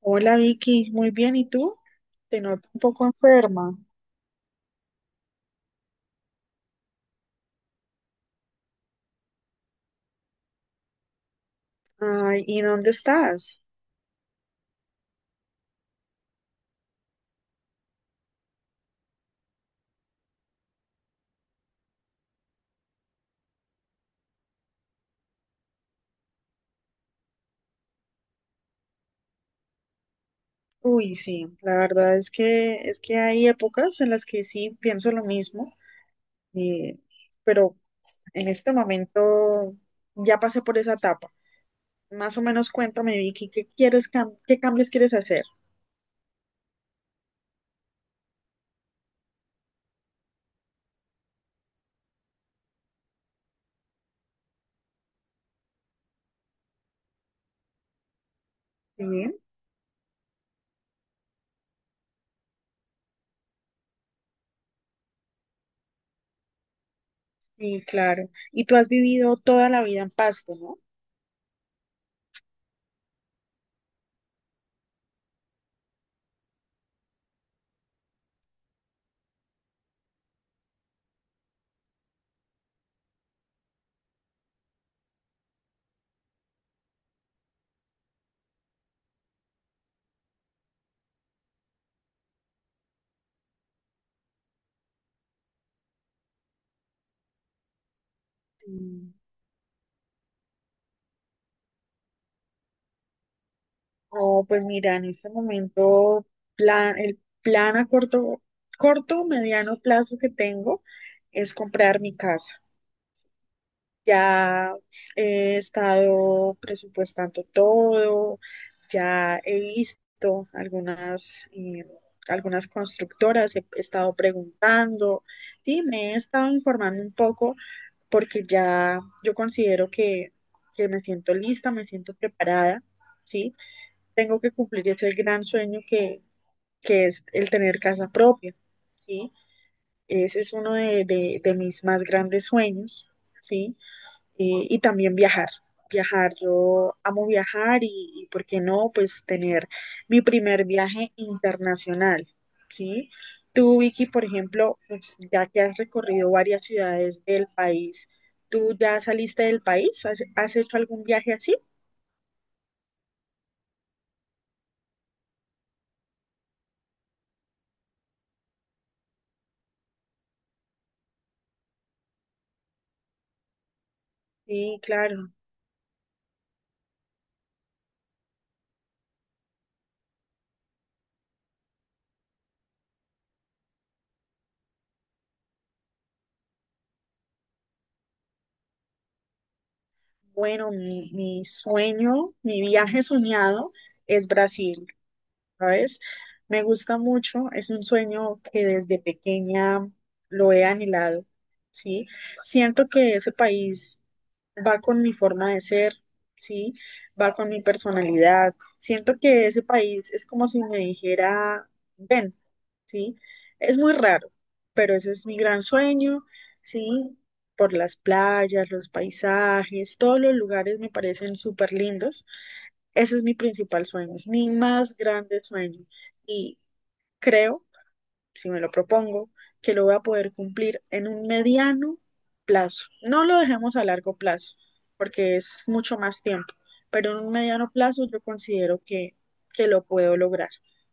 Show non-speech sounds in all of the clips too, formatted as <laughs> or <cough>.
Hola Vicky, muy bien, ¿y tú? Te noto un poco enferma. Ay, ¿y dónde estás? Uy, sí, la verdad es que hay épocas en las que sí pienso lo mismo, eh, pero en este momento ya pasé por esa etapa. Más o menos cuéntame, Vicky, ¿qué quieres qué cambios quieres hacer? Sí, sí, claro. Y tú has vivido toda la vida en Pasto, ¿no? Oh, pues mira, en este momento plan, el plan a corto, mediano plazo que tengo es comprar mi casa. Ya he estado presupuestando todo, ya he visto algunas, algunas constructoras, he estado preguntando, sí, me he estado informando un poco porque ya yo considero que me siento lista, me siento preparada, ¿sí? Tengo que cumplir ese gran sueño que es el tener casa propia, ¿sí? Ese es uno de mis más grandes sueños, ¿sí? Y también viajar, viajar. Yo amo viajar y ¿por qué no? Pues tener mi primer viaje internacional, ¿sí? Tú, Vicky, por ejemplo, pues, ya que has recorrido varias ciudades del país, ¿tú ya saliste del país? ¿Has, has hecho algún viaje así? Sí, claro. Bueno, mi sueño, mi viaje soñado es Brasil, ¿sabes? Me gusta mucho, es un sueño que desde pequeña lo he anhelado, ¿sí? Siento que ese país va con mi forma de ser, ¿sí? Va con mi personalidad. Siento que ese país es como si me dijera, ven. ¿Sí? Es muy raro, pero ese es mi gran sueño, ¿sí? Por las playas, los paisajes, todos los lugares me parecen súper lindos. Ese es mi principal sueño, es mi más grande sueño. Y creo, si me lo propongo, que lo voy a poder cumplir en un mediano plazo. No lo dejemos a largo plazo, porque es mucho más tiempo, pero en un mediano plazo yo considero que lo puedo lograr,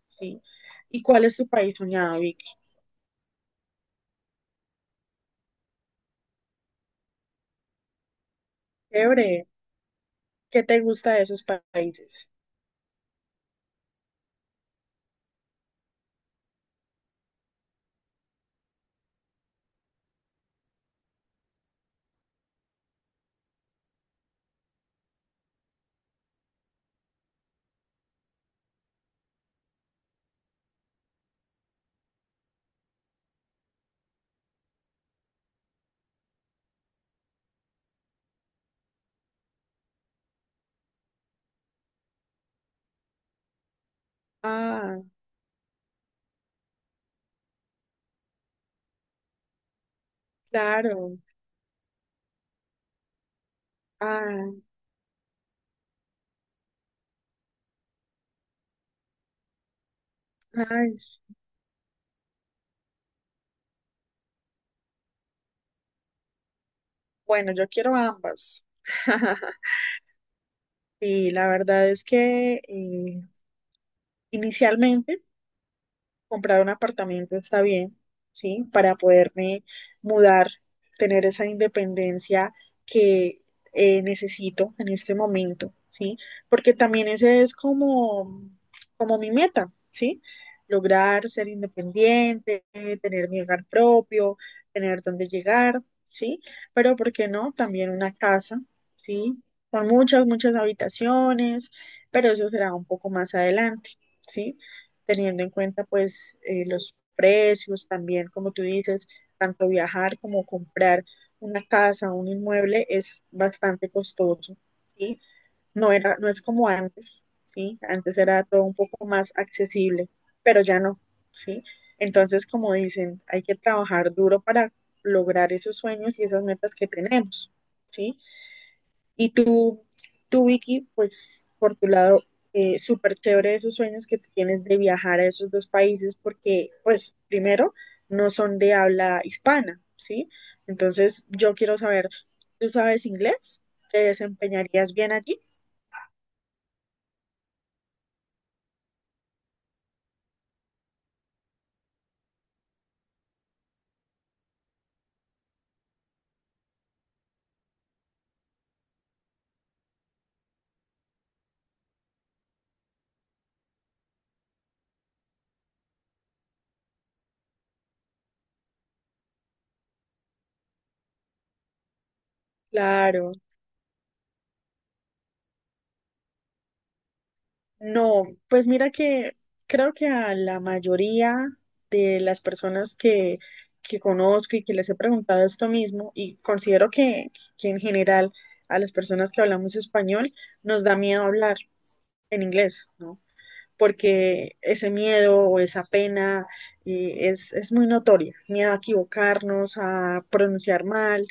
¿sí? ¿Y cuál es tu país soñado, Vic? Chévere. ¿Qué te gusta de esos países? Ah, claro. Ah, ay, sí. Bueno, yo quiero ambas. <laughs> Y la verdad es que inicialmente comprar un apartamento está bien, ¿sí? Para poderme mudar, tener esa independencia que necesito en este momento, ¿sí? Porque también ese es como, como mi meta, ¿sí? Lograr ser independiente, tener mi hogar propio, tener dónde llegar, ¿sí? Pero, ¿por qué no? También una casa, ¿sí? Con muchas, muchas habitaciones, pero eso será un poco más adelante, ¿sí? Teniendo en cuenta pues los precios también, como tú dices, tanto viajar como comprar una casa, un inmueble es bastante costoso, ¿sí? No es como antes, ¿sí? Antes era todo un poco más accesible, pero ya no, ¿sí? Entonces, como dicen, hay que trabajar duro para lograr esos sueños y esas metas que tenemos, ¿sí? Y Vicky, pues por tu lado, súper chévere esos sueños que tú tienes de viajar a esos dos países porque, pues, primero, no son de habla hispana, ¿sí? Entonces, yo quiero saber, ¿tú sabes inglés? ¿Te desempeñarías bien allí? Claro. No, pues mira que creo que a la mayoría de las personas que conozco y que les he preguntado esto mismo, y considero que en general a las personas que hablamos español nos da miedo hablar en inglés, ¿no? Porque ese miedo o esa pena es muy notoria, miedo a equivocarnos, a pronunciar mal,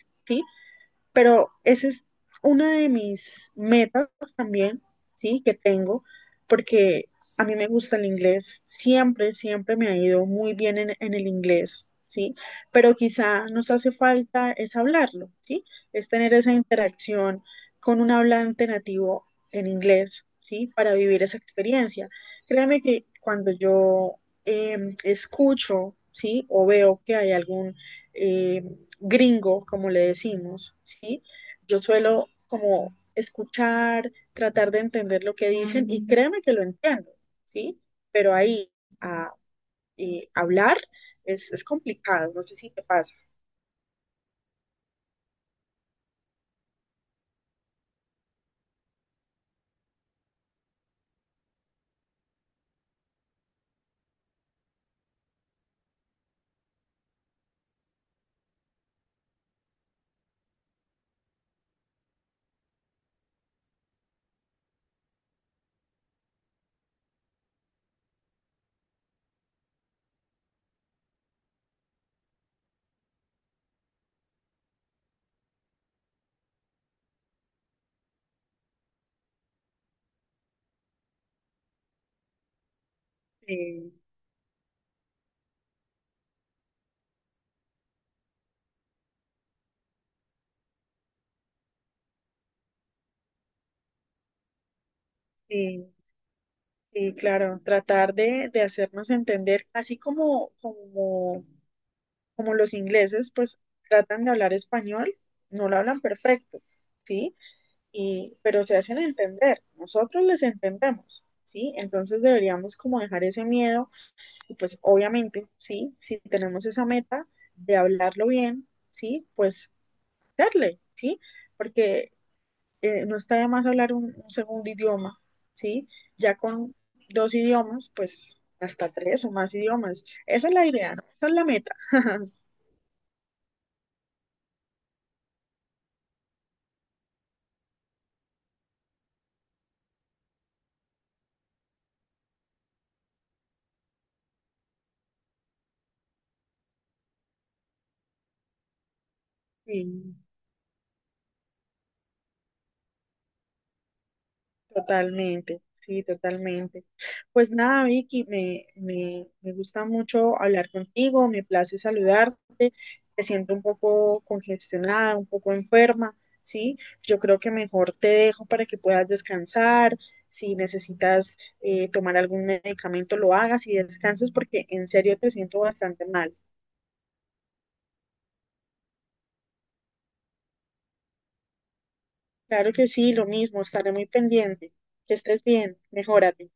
pero esa es una de mis metas también, ¿sí? Que tengo, porque a mí me gusta el inglés, siempre, siempre me ha ido muy bien en el inglés, ¿sí? Pero quizá nos hace falta es hablarlo, ¿sí? Es tener esa interacción con un hablante nativo en inglés, ¿sí? Para vivir esa experiencia. Créeme que cuando yo escucho, ¿sí? O veo que hay algún eh, gringo, como le decimos, ¿sí? Yo suelo como escuchar, tratar de entender lo que dicen y créeme que lo entiendo, ¿sí? Pero ahí a hablar es complicado, no sé si te pasa. Eh, sí, sí, claro, tratar de hacernos entender, así como los ingleses, pues tratan de hablar español, no lo hablan perfecto, ¿sí? Y, pero se hacen entender, nosotros les entendemos, ¿sí? Entonces deberíamos como dejar ese miedo y pues obviamente, ¿sí? Si tenemos esa meta de hablarlo bien, ¿sí? Pues darle, ¿sí? Porque no está de más hablar un segundo idioma, ¿sí? Ya con dos idiomas, pues hasta tres o más idiomas. Esa es la idea, ¿no? Esa es la meta. <laughs> Sí. Totalmente, sí, totalmente. Pues nada, Vicky, me gusta mucho hablar contigo, me place saludarte, te siento un poco congestionada, un poco enferma, ¿sí? Yo creo que mejor te dejo para que puedas descansar, si necesitas tomar algún medicamento, lo hagas y descanses porque en serio te siento bastante mal. Claro que sí, lo mismo, estaré muy pendiente. Que estés bien, mejórate.